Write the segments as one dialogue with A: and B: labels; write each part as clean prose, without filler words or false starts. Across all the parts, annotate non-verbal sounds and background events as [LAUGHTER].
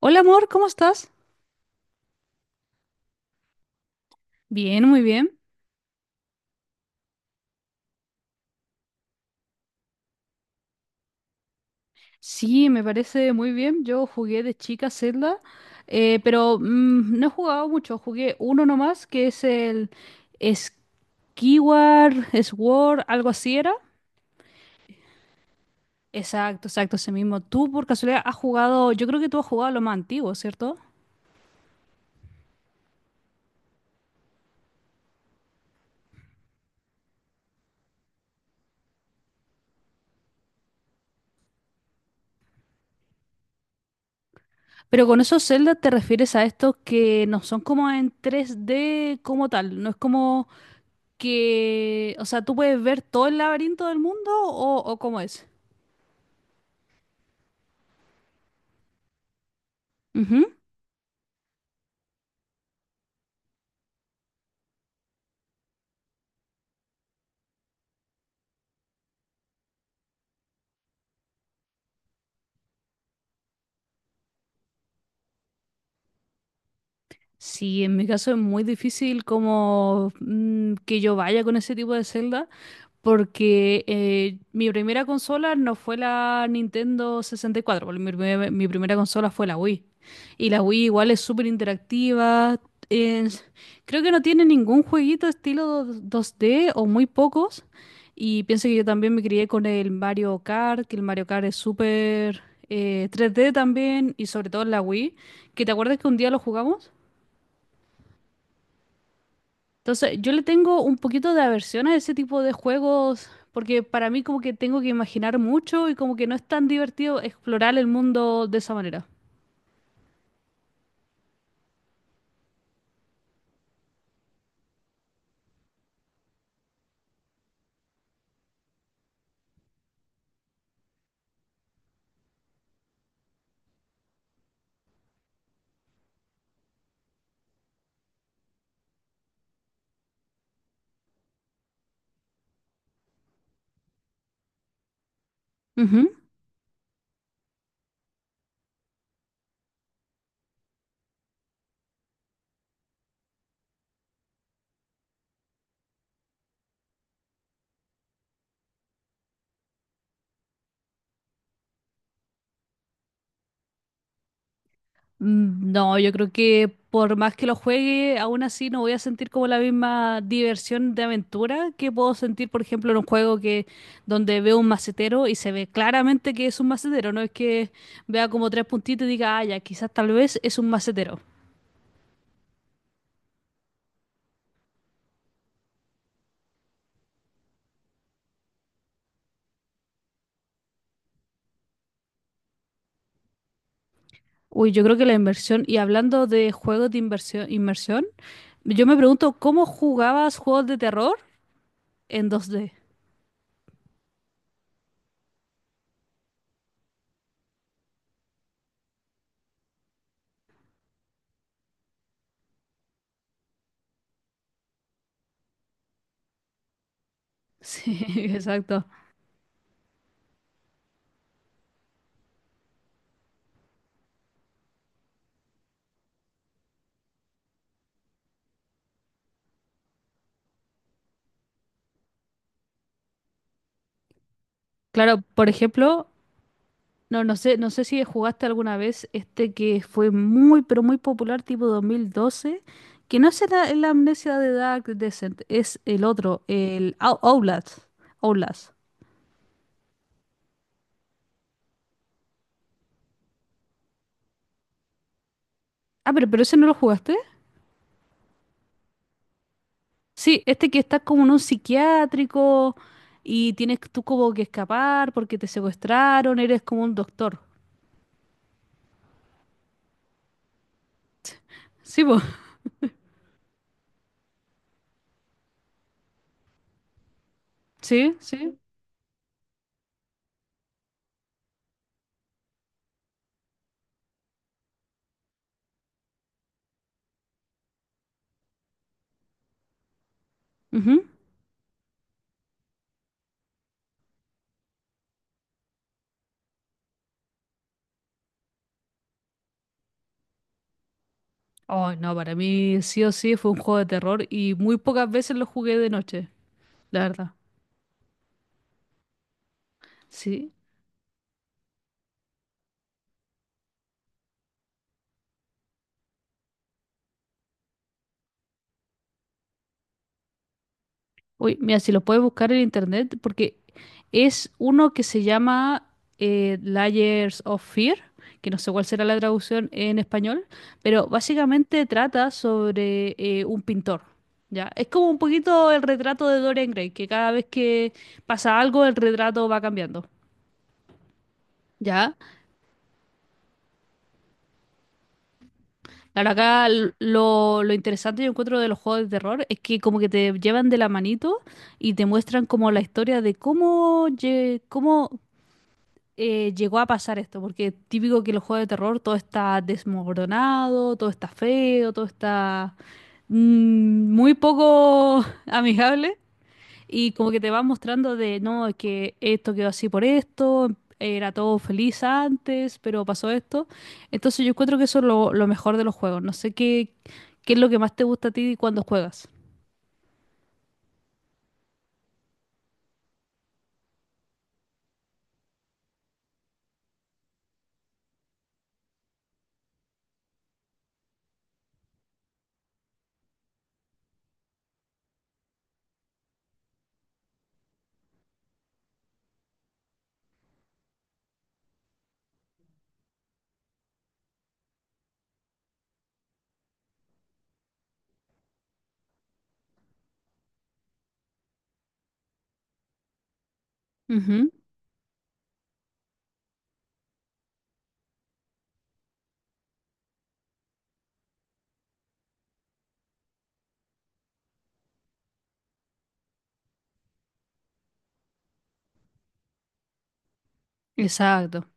A: Hola amor, ¿cómo estás? Bien, muy bien. Sí, me parece muy bien. Yo jugué de chica Zelda, pero no he jugado mucho. Jugué uno nomás, que es el Skyward Sword, algo así era. Exacto, exacto, ese mismo. Tú por casualidad has jugado, yo creo que tú has jugado lo más antiguo, ¿cierto? Pero con esos Zelda te refieres a estos que no son como en tres d como tal, no es como que, o sea, tú puedes ver todo el laberinto del mundo o cómo es. Ujú. Sí, en mi caso es muy difícil como que yo vaya con ese tipo de Zelda, porque mi primera consola no fue la Nintendo 64, porque mi primera consola fue la Wii. Y la Wii igual es súper interactiva. es- Creo que no tiene ningún jueguito estilo dos d o muy pocos. Y pienso que yo también me crié con el Mario Kart, que el Mario Kart es súper 3D también, y sobre todo en la Wii. ¿Que te acuerdas que un día lo jugamos? Entonces, yo le tengo un poquito de aversión a ese tipo de juegos porque para mí como que tengo que imaginar mucho y como que no es tan divertido explorar el mundo de esa manera. Ujú. No, yo creo que por más que lo juegue, aún así no voy a sentir como la misma diversión de aventura que puedo sentir, por ejemplo, en un juego que donde veo un macetero y se ve claramente que es un macetero, no es que vea como tres puntitos y diga, ah, ya, quizás tal vez es un macetero. Uy, yo creo que la inversión, y hablando de juegos de inversión, inmersión, yo me pregunto cómo jugabas juegos de terror en dos d. [LAUGHS] Sí, exacto. Claro, por ejemplo, no, no sé, no sé si jugaste alguna vez este que fue muy, pero muy popular, tipo 2012, que no es la amnesia de Dark Descent, es el otro, el Outlast. Outlast. Ah, pero ese no lo jugaste. Sí, este que estás como en un psiquiátrico y tienes tú como que escapar porque te secuestraron, eres como un doctor. Sí, po. Sí, sí. Ujú. Oh, no, para mí sí o sí fue un juego de terror y muy pocas veces lo jugué de noche, la verdad. Sí. Uy, mira, si lo puedes buscar en internet, porque es uno que se llama Layers of Fear, que no sé cuál será la traducción en español, pero básicamente trata sobre un pintor. ¿Ya? Es como un poquito el retrato de Dorian Gray, que cada vez que pasa algo, el retrato va cambiando. ¿Ya? Claro, acá lo interesante yo encuentro de los juegos de terror es que como que te llevan de la manito y te muestran como la historia de cómo llegó a pasar esto, porque típico que los juegos de terror todo está desmoronado, todo está feo, todo está mm, muy poco [LAUGHS] amigable y como que te van mostrando de, no, es que esto quedó así por esto, era todo feliz antes, pero pasó esto. Entonces yo encuentro que eso es lo mejor de los juegos. No sé qué es lo que más te gusta a ti cuando juegas. Ujú. Exacto.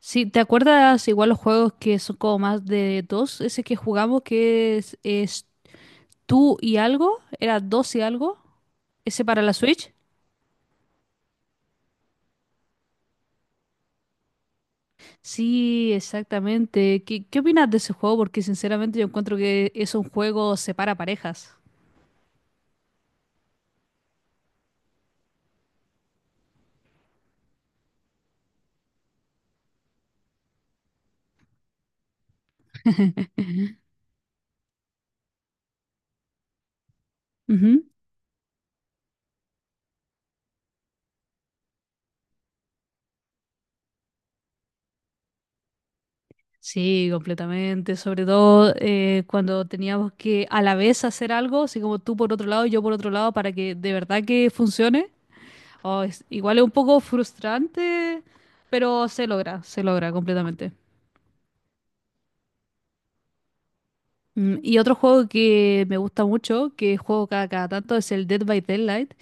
A: Sí, ¿te acuerdas igual los juegos que son como más de dos? Ese que jugamos que es tú y algo, era dos y algo, ese para la Switch. Sí, exactamente. Qué opinas de ese juego? Porque sinceramente yo encuentro que es un juego separa parejas. Ujú. Sí, completamente. Sobre todo cuando teníamos que a la vez hacer algo, así como tú por otro lado y yo por otro lado, para que de verdad que funcione. Oh, igual es un poco frustrante, pero se logra completamente. Y otro juego que me gusta mucho, que juego cada tanto, es el Dead by Daylight.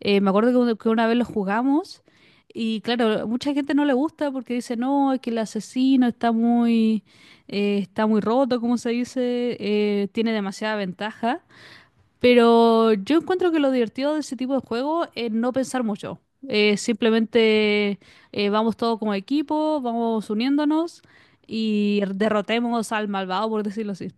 A: Me acuerdo que que una vez lo jugamos y claro, mucha gente no le gusta porque dice, no, es que el asesino está muy roto, como se dice, tiene demasiada ventaja. Pero yo encuentro que lo divertido de ese tipo de juego es no pensar mucho. Simplemente vamos todos como equipo, vamos uniéndonos y derrotemos al malvado, por decirlo así.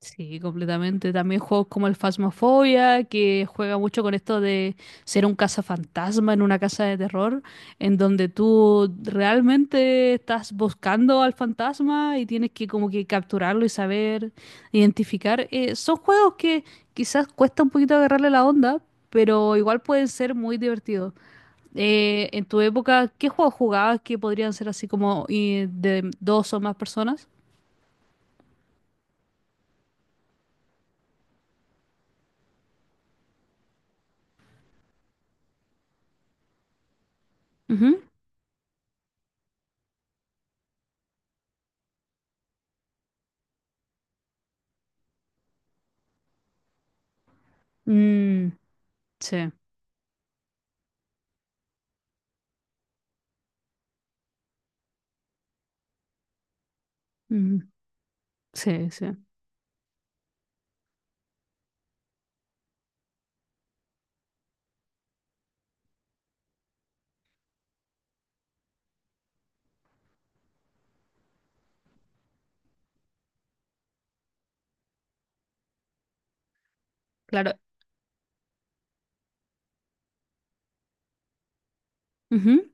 A: Sí, completamente. También juegos como el Phasmophobia, que juega mucho con esto de ser un cazafantasma en una casa de terror, en donde tú realmente estás buscando al fantasma y tienes que como que capturarlo y saber identificar. Son juegos que quizás cuesta un poquito agarrarle la onda, pero igual pueden ser muy divertidos. En tu época, ¿qué juegos jugabas que podrían ser así como de dos o más personas? Ujú. Mm, sí. Ujú. Sí, sí. Claro. Ujú.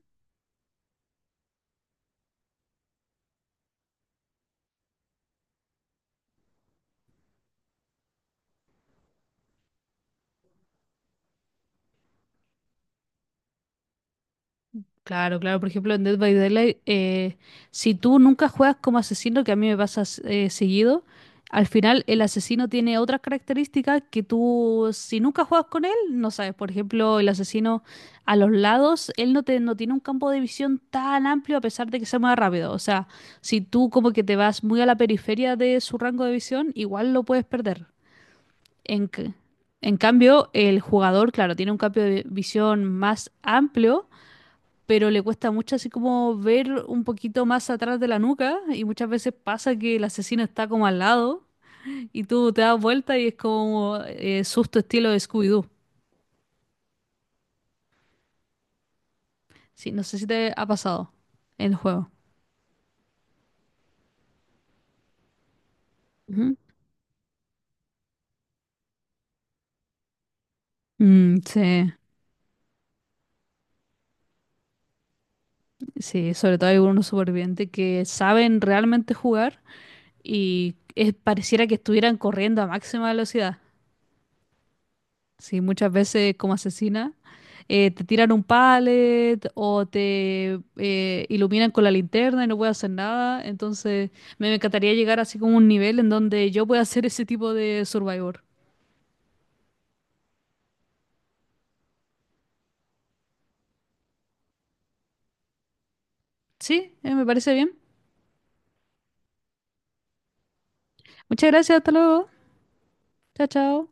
A: Claro, claro. Por ejemplo, en Dead by Daylight, si tú nunca juegas como asesino, que a mí me pasa seguido, al final el asesino tiene otras características que tú, si nunca juegas con él, no sabes. Por ejemplo, el asesino a los lados, él no, te, no tiene un campo de visión tan amplio a pesar de que se mueva rápido. O sea, si tú como que te vas muy a la periferia de su rango de visión, igual lo puedes perder. En, c- en cambio, el jugador, claro, tiene un cambio de visión más amplio, pero le cuesta mucho así como ver un poquito más atrás de la nuca y muchas veces pasa que el asesino está como al lado y tú te das vuelta y es como susto estilo de Scooby-Doo. Sí, no sé si te ha pasado en el juego. Ujú. Sí, sí, sobre todo hay algunos supervivientes que saben realmente jugar y pareciera que estuvieran corriendo a máxima velocidad. Sí, muchas veces como asesina te tiran un pallet o te iluminan con la linterna y no puedes hacer nada. Entonces, me encantaría llegar así como a un nivel en donde yo pueda hacer ese tipo de survivor. Sí, me parece bien. Muchas gracias, hasta luego. Chao, chao.